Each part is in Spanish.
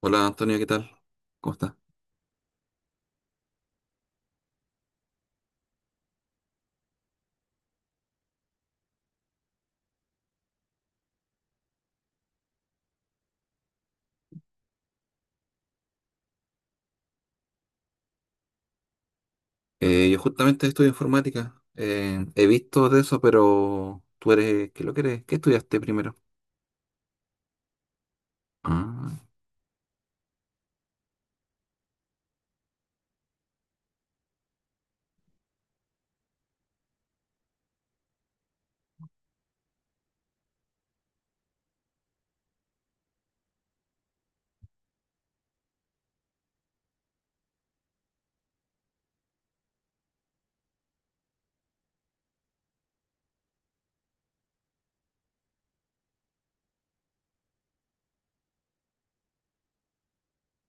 Hola Antonio, ¿qué tal? ¿Cómo estás? Yo justamente estudio informática. He visto de eso, pero tú eres, ¿qué lo que eres? ¿Qué estudiaste primero? Ah,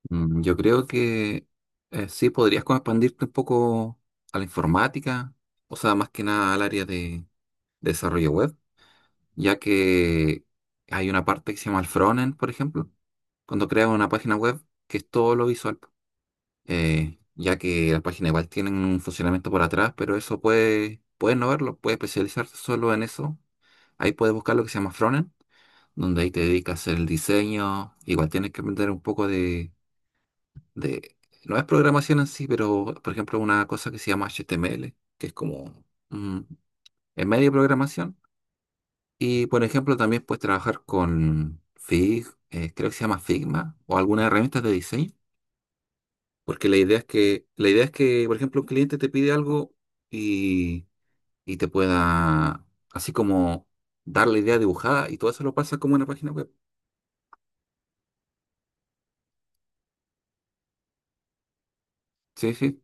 yo creo que sí podrías como expandirte un poco a la informática, o sea, más que nada al área de desarrollo web, ya que hay una parte que se llama el frontend, por ejemplo, cuando creas una página web, que es todo lo visual. Ya que las páginas igual tienen un funcionamiento por atrás, pero eso puede no verlo, puede especializarse solo en eso. Ahí puedes buscar lo que se llama frontend, donde ahí te dedicas a hacer el diseño. Igual tienes que aprender un poco de- no es programación en sí, pero por ejemplo una cosa que se llama HTML, que es como mm, en medio de programación. Y por ejemplo también puedes trabajar con creo que se llama Figma, o algunas herramientas de diseño. Porque la idea es que, por ejemplo, un cliente te pide algo y, y te pueda, así como, dar la idea dibujada y todo eso lo pasa como en la página web. Sí, sí.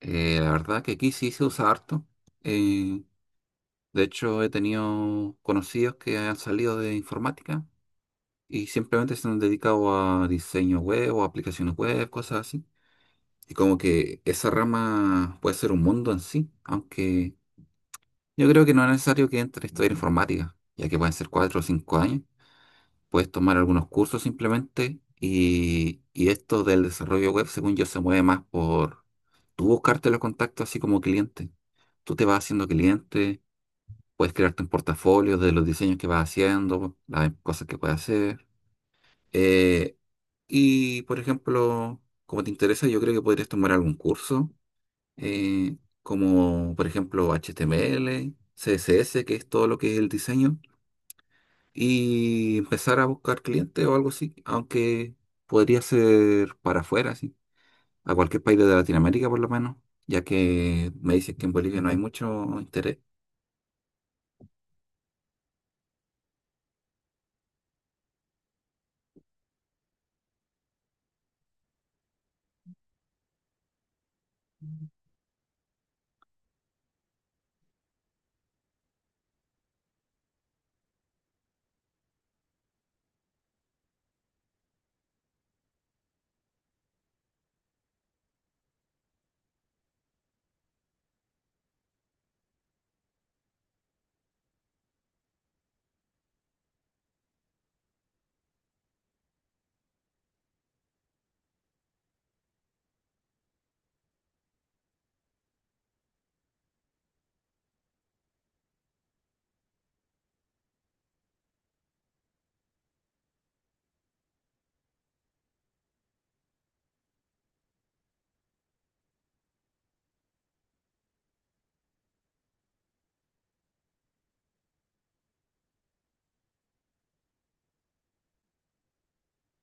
La verdad que aquí sí se usa harto. Eh, de hecho, he tenido conocidos que han salido de informática y simplemente se han dedicado a diseño web o aplicaciones web, cosas así. Y como que esa rama puede ser un mundo en sí, aunque yo creo que no es necesario que entres a estudiar informática, ya que pueden ser 4 o 5 años. Puedes tomar algunos cursos simplemente, y esto del desarrollo web, según yo, se mueve más por tú buscarte los contactos así como cliente. Tú te vas haciendo cliente, puedes crearte un portafolio de los diseños que vas haciendo, las cosas que puedes hacer. Eh, y, por ejemplo, como te interesa, yo creo que podrías tomar algún curso, eh, como por ejemplo HTML, CSS, que es todo lo que es el diseño, y empezar a buscar clientes o algo así, aunque podría ser para afuera, sí, a cualquier país de Latinoamérica por lo menos, ya que me dices que en Bolivia no hay mucho interés.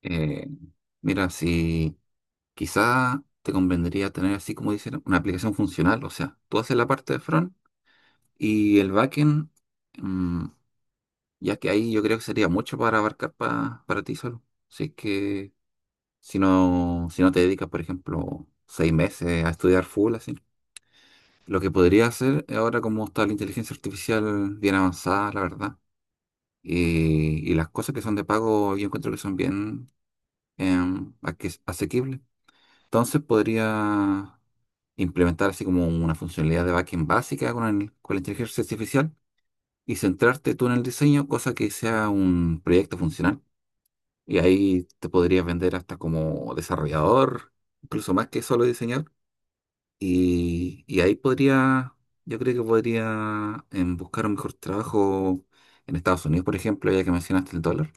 Eh, Mira, si quizá te convendría tener, así como dicen, una aplicación funcional, o sea, tú haces la parte de front y el backend. mm, ya que ahí yo creo que sería mucho para abarcar pa- para ti solo. Si es que, si no, si no te dedicas, por ejemplo, 6 meses a estudiar full, así. Lo que podría hacer ahora, como está la inteligencia artificial bien avanzada, la verdad, y las cosas que son de pago, yo encuentro que son bien asequibles. Entonces podría implementar así como una funcionalidad de backend básica con la inteligencia artificial, y centrarte tú en el diseño, cosa que sea un proyecto funcional. Y ahí te podrías vender hasta como desarrollador, incluso más que solo diseñador. Y ahí yo creo que podría buscar un mejor trabajo en Estados Unidos, por ejemplo, ya que mencionaste el dólar.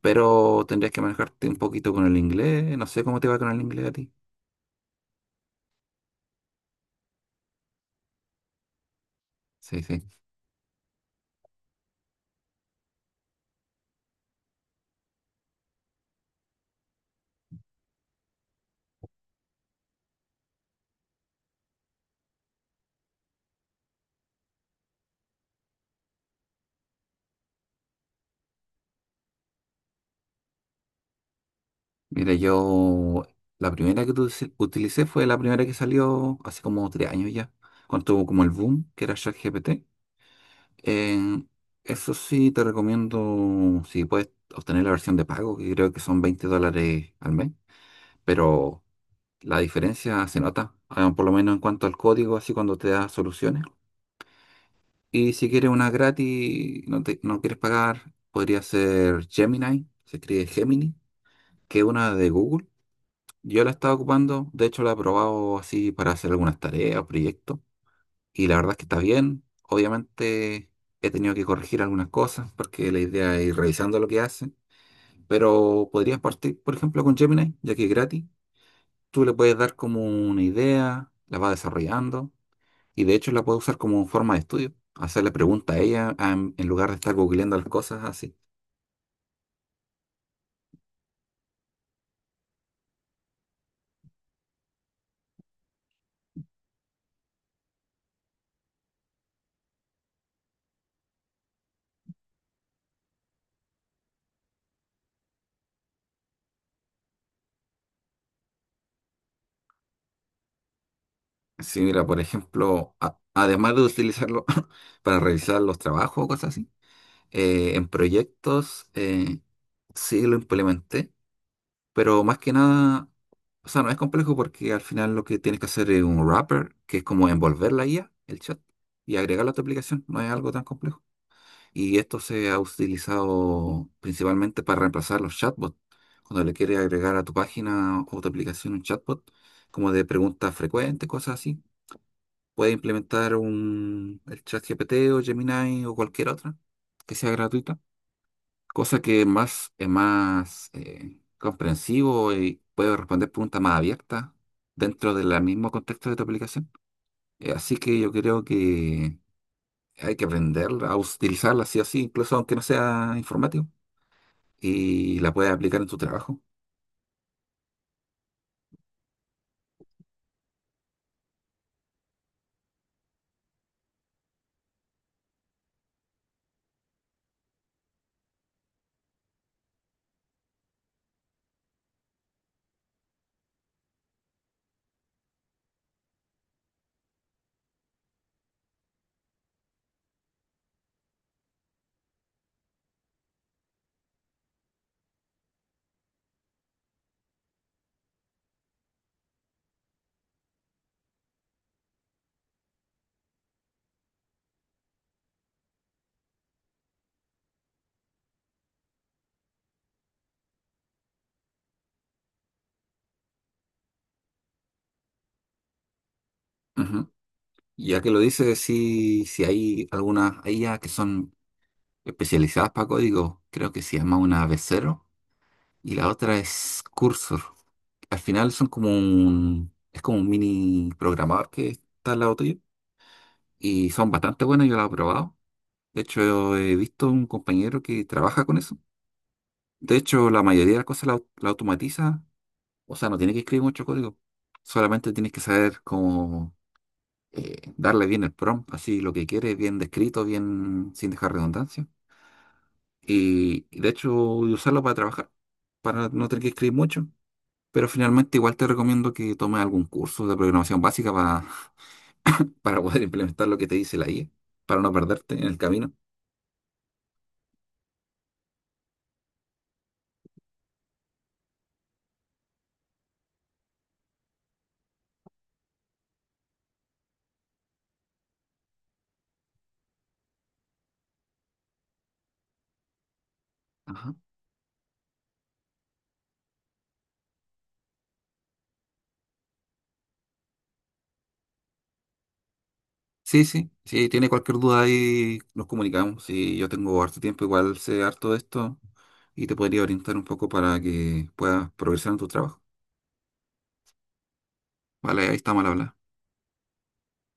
Pero tendrías que manejarte un poquito con el inglés. No sé cómo te va con el inglés a ti. Sí, sí. Mira, yo la primera que utilicé fue la primera que salió hace como 3 años ya, cuando tuvo como el boom, que era ChatGPT. Eh, Eso sí, te recomiendo, si puedes, obtener la versión de pago, que creo que son $20 al mes, pero la diferencia se nota, ah, por lo menos en cuanto al código, así cuando te da soluciones. Y si quieres una gratis, no, no quieres pagar, podría ser Gemini, se escribe Gemini, que es una de Google. Yo la estaba ocupando, de hecho la he probado así para hacer algunas tareas, proyectos, y la verdad es que está bien. Obviamente he tenido que corregir algunas cosas porque la idea es ir revisando lo que hace, pero podrías partir, por ejemplo, con Gemini, ya que es gratis. Tú le puedes dar como una idea, la vas desarrollando, y de hecho la puedes usar como forma de estudio, hacerle preguntas a ella, ah, en lugar de estar googleando las cosas así. Sí, mira, por ejemplo, además de utilizarlo para revisar los trabajos o cosas así, en proyectos, sí lo implementé. Pero más que nada, o sea, no es complejo, porque al final lo que tienes que hacer es un wrapper, que es como envolver la IA, el chat, y agregarla a tu aplicación. No es algo tan complejo. Y esto se ha utilizado principalmente para reemplazar los chatbots. Cuando le quieres agregar a tu página o tu aplicación un chatbot, como de preguntas frecuentes, cosas así, puedes implementar el chat GPT o Gemini o cualquier otra que sea gratuita, cosa que es más comprensivo y puede responder preguntas más abiertas dentro del mismo contexto de tu aplicación. Así que yo creo que hay que aprender a utilizarla así o así, incluso aunque no sea informático, y la puedes aplicar en tu trabajo. Ujú. Ya que lo dices, sí, si hay algunas IA que son especializadas para código, creo que se llama una v0. Y la otra es Cursor. Al final son como un, es como un mini programador que está al lado tuyo. Y son bastante buenas, yo las he probado. De hecho, he visto un compañero que trabaja con eso. De hecho, la mayoría de las cosas la automatiza. O sea, no tiene que escribir mucho código. Solamente tienes que saber cómo, darle bien el prompt, así lo que quieres, bien descrito, bien sin dejar redundancia. Y de hecho, y usarlo para trabajar, para no tener que escribir mucho. Pero finalmente igual te recomiendo que tomes algún curso de programación básica, para poder implementar lo que te dice la IA, para no perderte en el camino. Ajá. Sí, sí, si tiene cualquier duda ahí nos comunicamos. Si yo tengo harto tiempo, igual sé harto de esto y te podría orientar un poco para que puedas progresar en tu trabajo. Vale, ahí estamos al hablar.